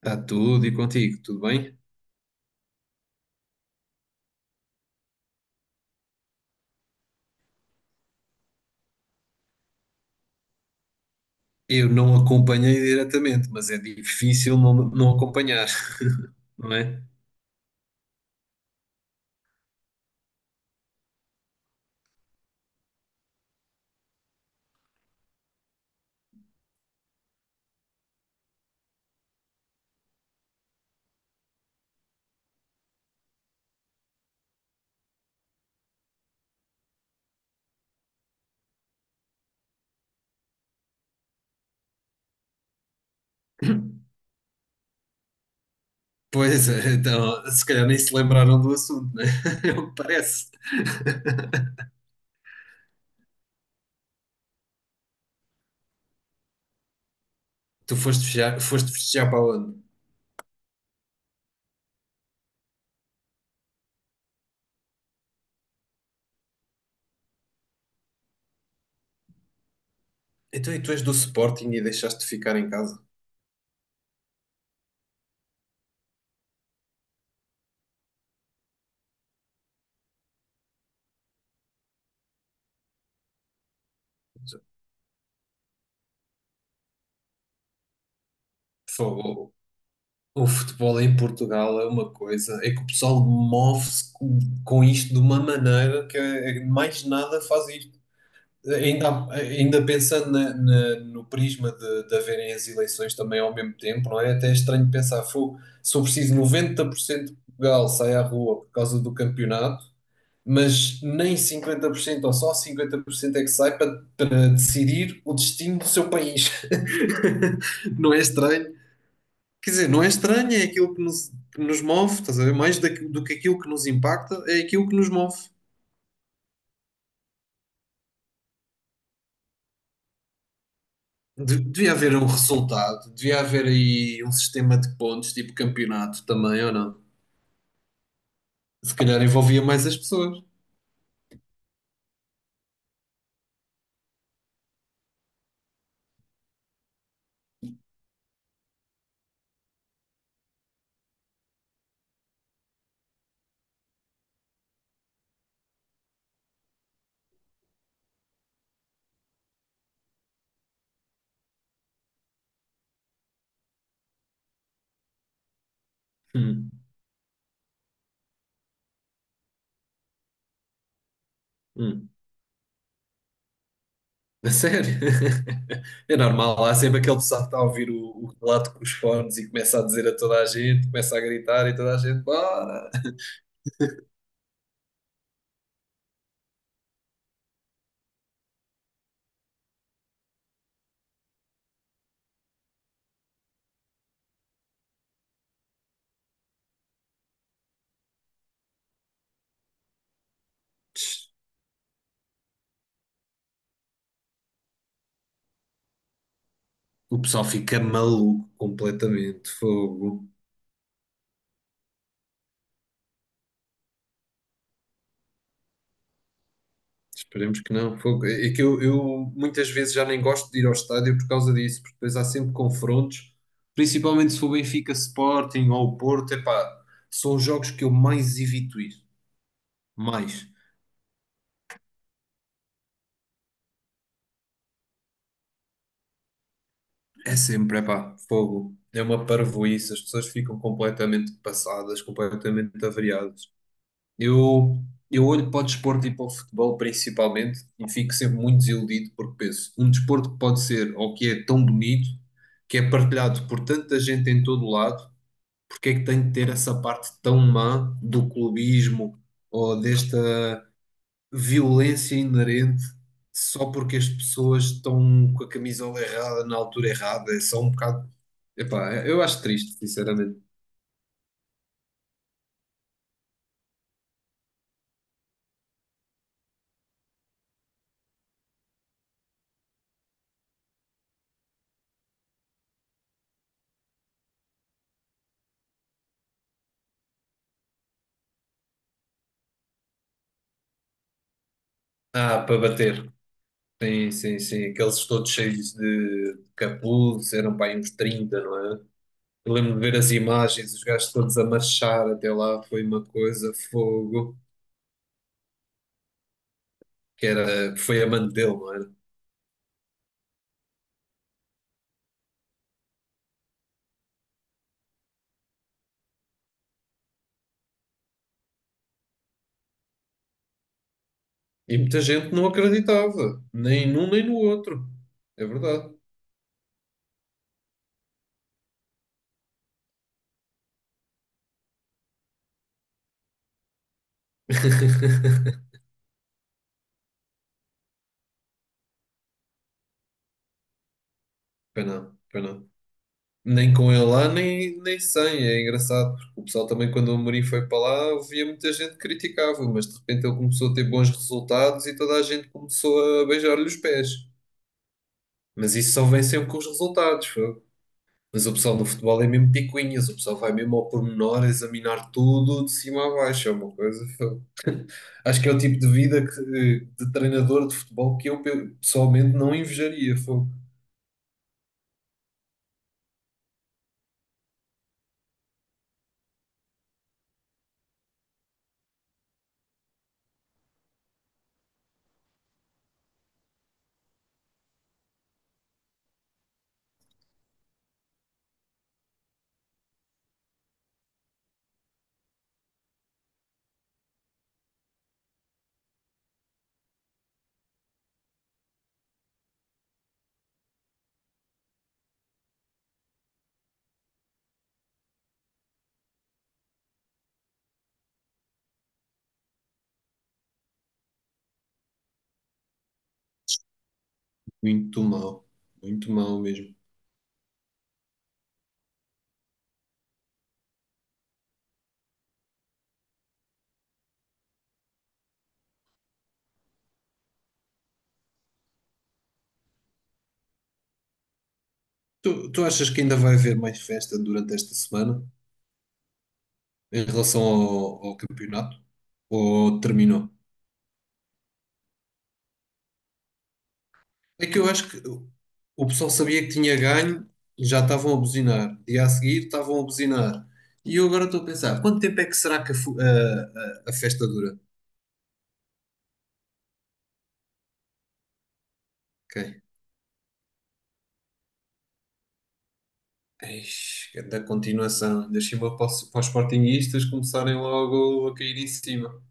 Está tudo e contigo, tudo bem? Eu não acompanhei diretamente, mas é difícil não acompanhar, não é? Pois é, então, se calhar nem se lembraram do assunto, né? É o que parece. Tu foste festejar para onde? Então, e tu és do Sporting e deixaste de ficar em casa? Por favor, o futebol em Portugal é uma coisa, é que o pessoal move-se com isto de uma maneira que é que mais nada faz isto. Ainda pensando no prisma de haverem as eleições também ao mesmo tempo, não é? Até é estranho pensar, fogo, se eu preciso 90% de Portugal sai à rua por causa do campeonato, mas nem 50% ou só 50% é que sai para decidir o destino do seu país. Não é estranho? Quer dizer, não é estranho, é aquilo que que nos move, estás a ver? Mais do que aquilo que nos impacta, é aquilo que nos move. Devia haver um resultado, devia haver aí um sistema de pontos, tipo campeonato também, ou não? Se calhar envolvia mais as pessoas. Hum, hum. A sério? É normal, há sempre aquele pessoal que está a ouvir o relato com os fones e começa a dizer a toda a gente, começa a gritar e toda a gente, bora! O pessoal fica maluco completamente, fogo. Esperemos que não. Fogo. É que eu muitas vezes já nem gosto de ir ao estádio por causa disso, porque depois há sempre confrontos, principalmente se for Benfica Sporting ou o Porto, epá, são os jogos que eu mais evito ir. Mais. É sempre, epá, fogo. É uma parvoíce, as pessoas ficam completamente passadas, completamente avariadas. Eu, eu olho para o desporto e para o futebol principalmente e fico sempre muito desiludido porque penso, um desporto que pode ser ou que é tão bonito, que é partilhado por tanta gente em todo o lado, porque é que tem de ter essa parte tão má do clubismo ou desta violência inerente só porque as pessoas estão com a camisola errada na altura errada? É só um bocado. Epá, eu acho triste, sinceramente. Ah, para bater. Sim, sim, sim. Aqueles todos cheios de capuz, eram para aí uns 30, não é? Eu lembro de ver as imagens, os gajos todos a marchar até lá, foi uma coisa, fogo, que era, que foi a mano dele, não era? E muita gente não acreditava, nem num nem no outro. É verdade. Pois não, pois não. Nem com ele lá, nem sem. É engraçado, porque o pessoal também, quando o Amorim foi para lá, ouvia muita gente que criticava, mas de repente ele começou a ter bons resultados e toda a gente começou a beijar-lhe os pés. Mas isso só vem sempre com os resultados, fogo. Mas o pessoal do futebol é mesmo picuinhas, o pessoal vai mesmo ao pormenor examinar tudo de cima a baixo, é uma coisa. Fogo. Acho que é o tipo de vida de treinador de futebol que eu pessoalmente não invejaria, fogo. Muito mal, muito mal mesmo. Tu achas que ainda vai haver mais festa durante esta semana em relação ao campeonato? Ou terminou? É que eu acho que o pessoal sabia que tinha ganho e já estavam a buzinar. Dia a seguir estavam a buzinar. E eu agora estou a pensar, quanto tempo é que será que a, fu- a festa dura? Ok. Eish, que é da continuação. Deixa-me para, para os sportinguistas começarem logo a cair em cima.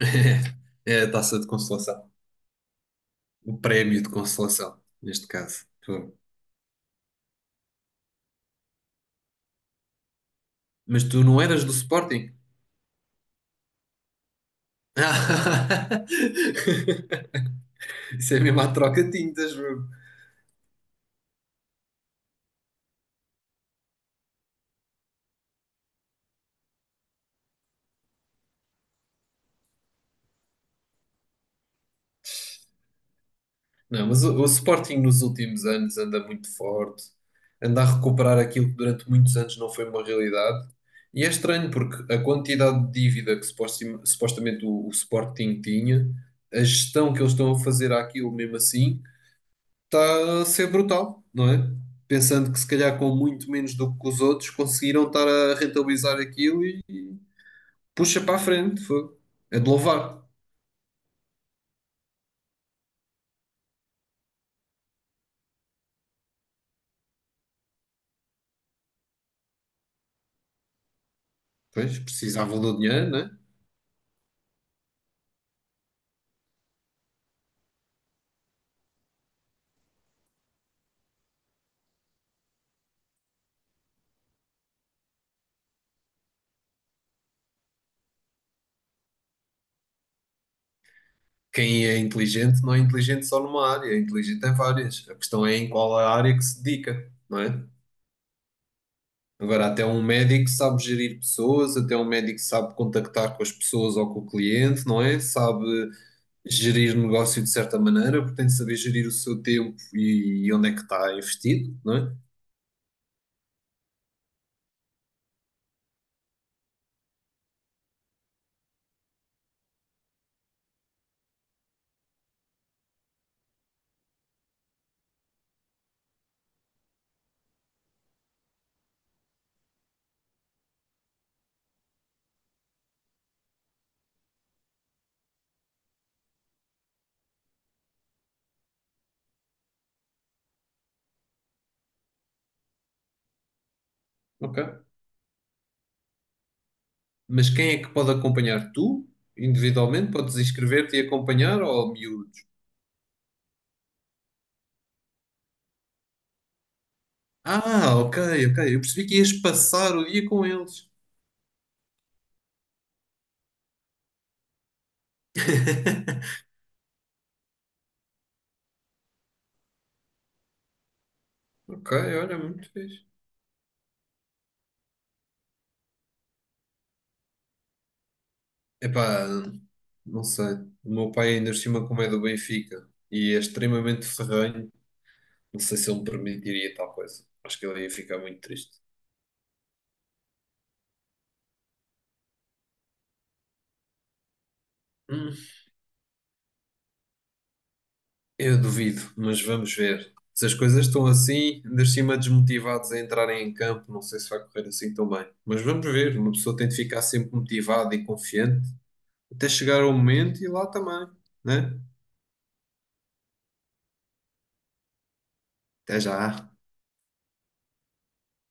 É a taça de consolação. O prémio de consolação, neste caso. Pô. Mas tu não eras do Sporting? Isso é mesmo a troca-tintas. Não, mas o Sporting nos últimos anos anda muito forte, anda a recuperar aquilo que durante muitos anos não foi uma realidade. E é estranho porque a quantidade de dívida que supostamente o Sporting tinha, a gestão que eles estão a fazer àquilo mesmo assim, está a ser brutal, não é? Pensando que se calhar com muito menos do que os outros conseguiram estar a rentabilizar aquilo e puxa para a frente, foi. É de louvar. Pois, precisavam do dinheiro, né? Quem é inteligente não é inteligente só numa área, é inteligente em várias. A questão é em qual a área que se dedica, não é? Agora, até um médico sabe gerir pessoas, até um médico sabe contactar com as pessoas ou com o cliente, não é? Sabe gerir negócio de certa maneira, porque tem de saber gerir o seu tempo e onde é que está investido, não é? Ok. Mas quem é que pode acompanhar? Tu, individualmente, podes inscrever-te e acompanhar ou miúdos? Ah, ok, ok. Eu percebi que ias passar o dia com eles. Ok, olha, muito fixe. Epá, não sei. O meu pai ainda por cima como é do Benfica e é extremamente ferrenho. Não sei se ele me permitiria tal coisa. Acho que ele ia ficar muito triste. Hum, eu duvido, mas vamos ver. Se as coisas estão assim, ainda por cima desmotivados a entrarem em campo, não sei se vai correr assim tão bem. Mas vamos ver, uma pessoa tem de ficar sempre motivada e confiante até chegar ao momento e lá também, né? Até já.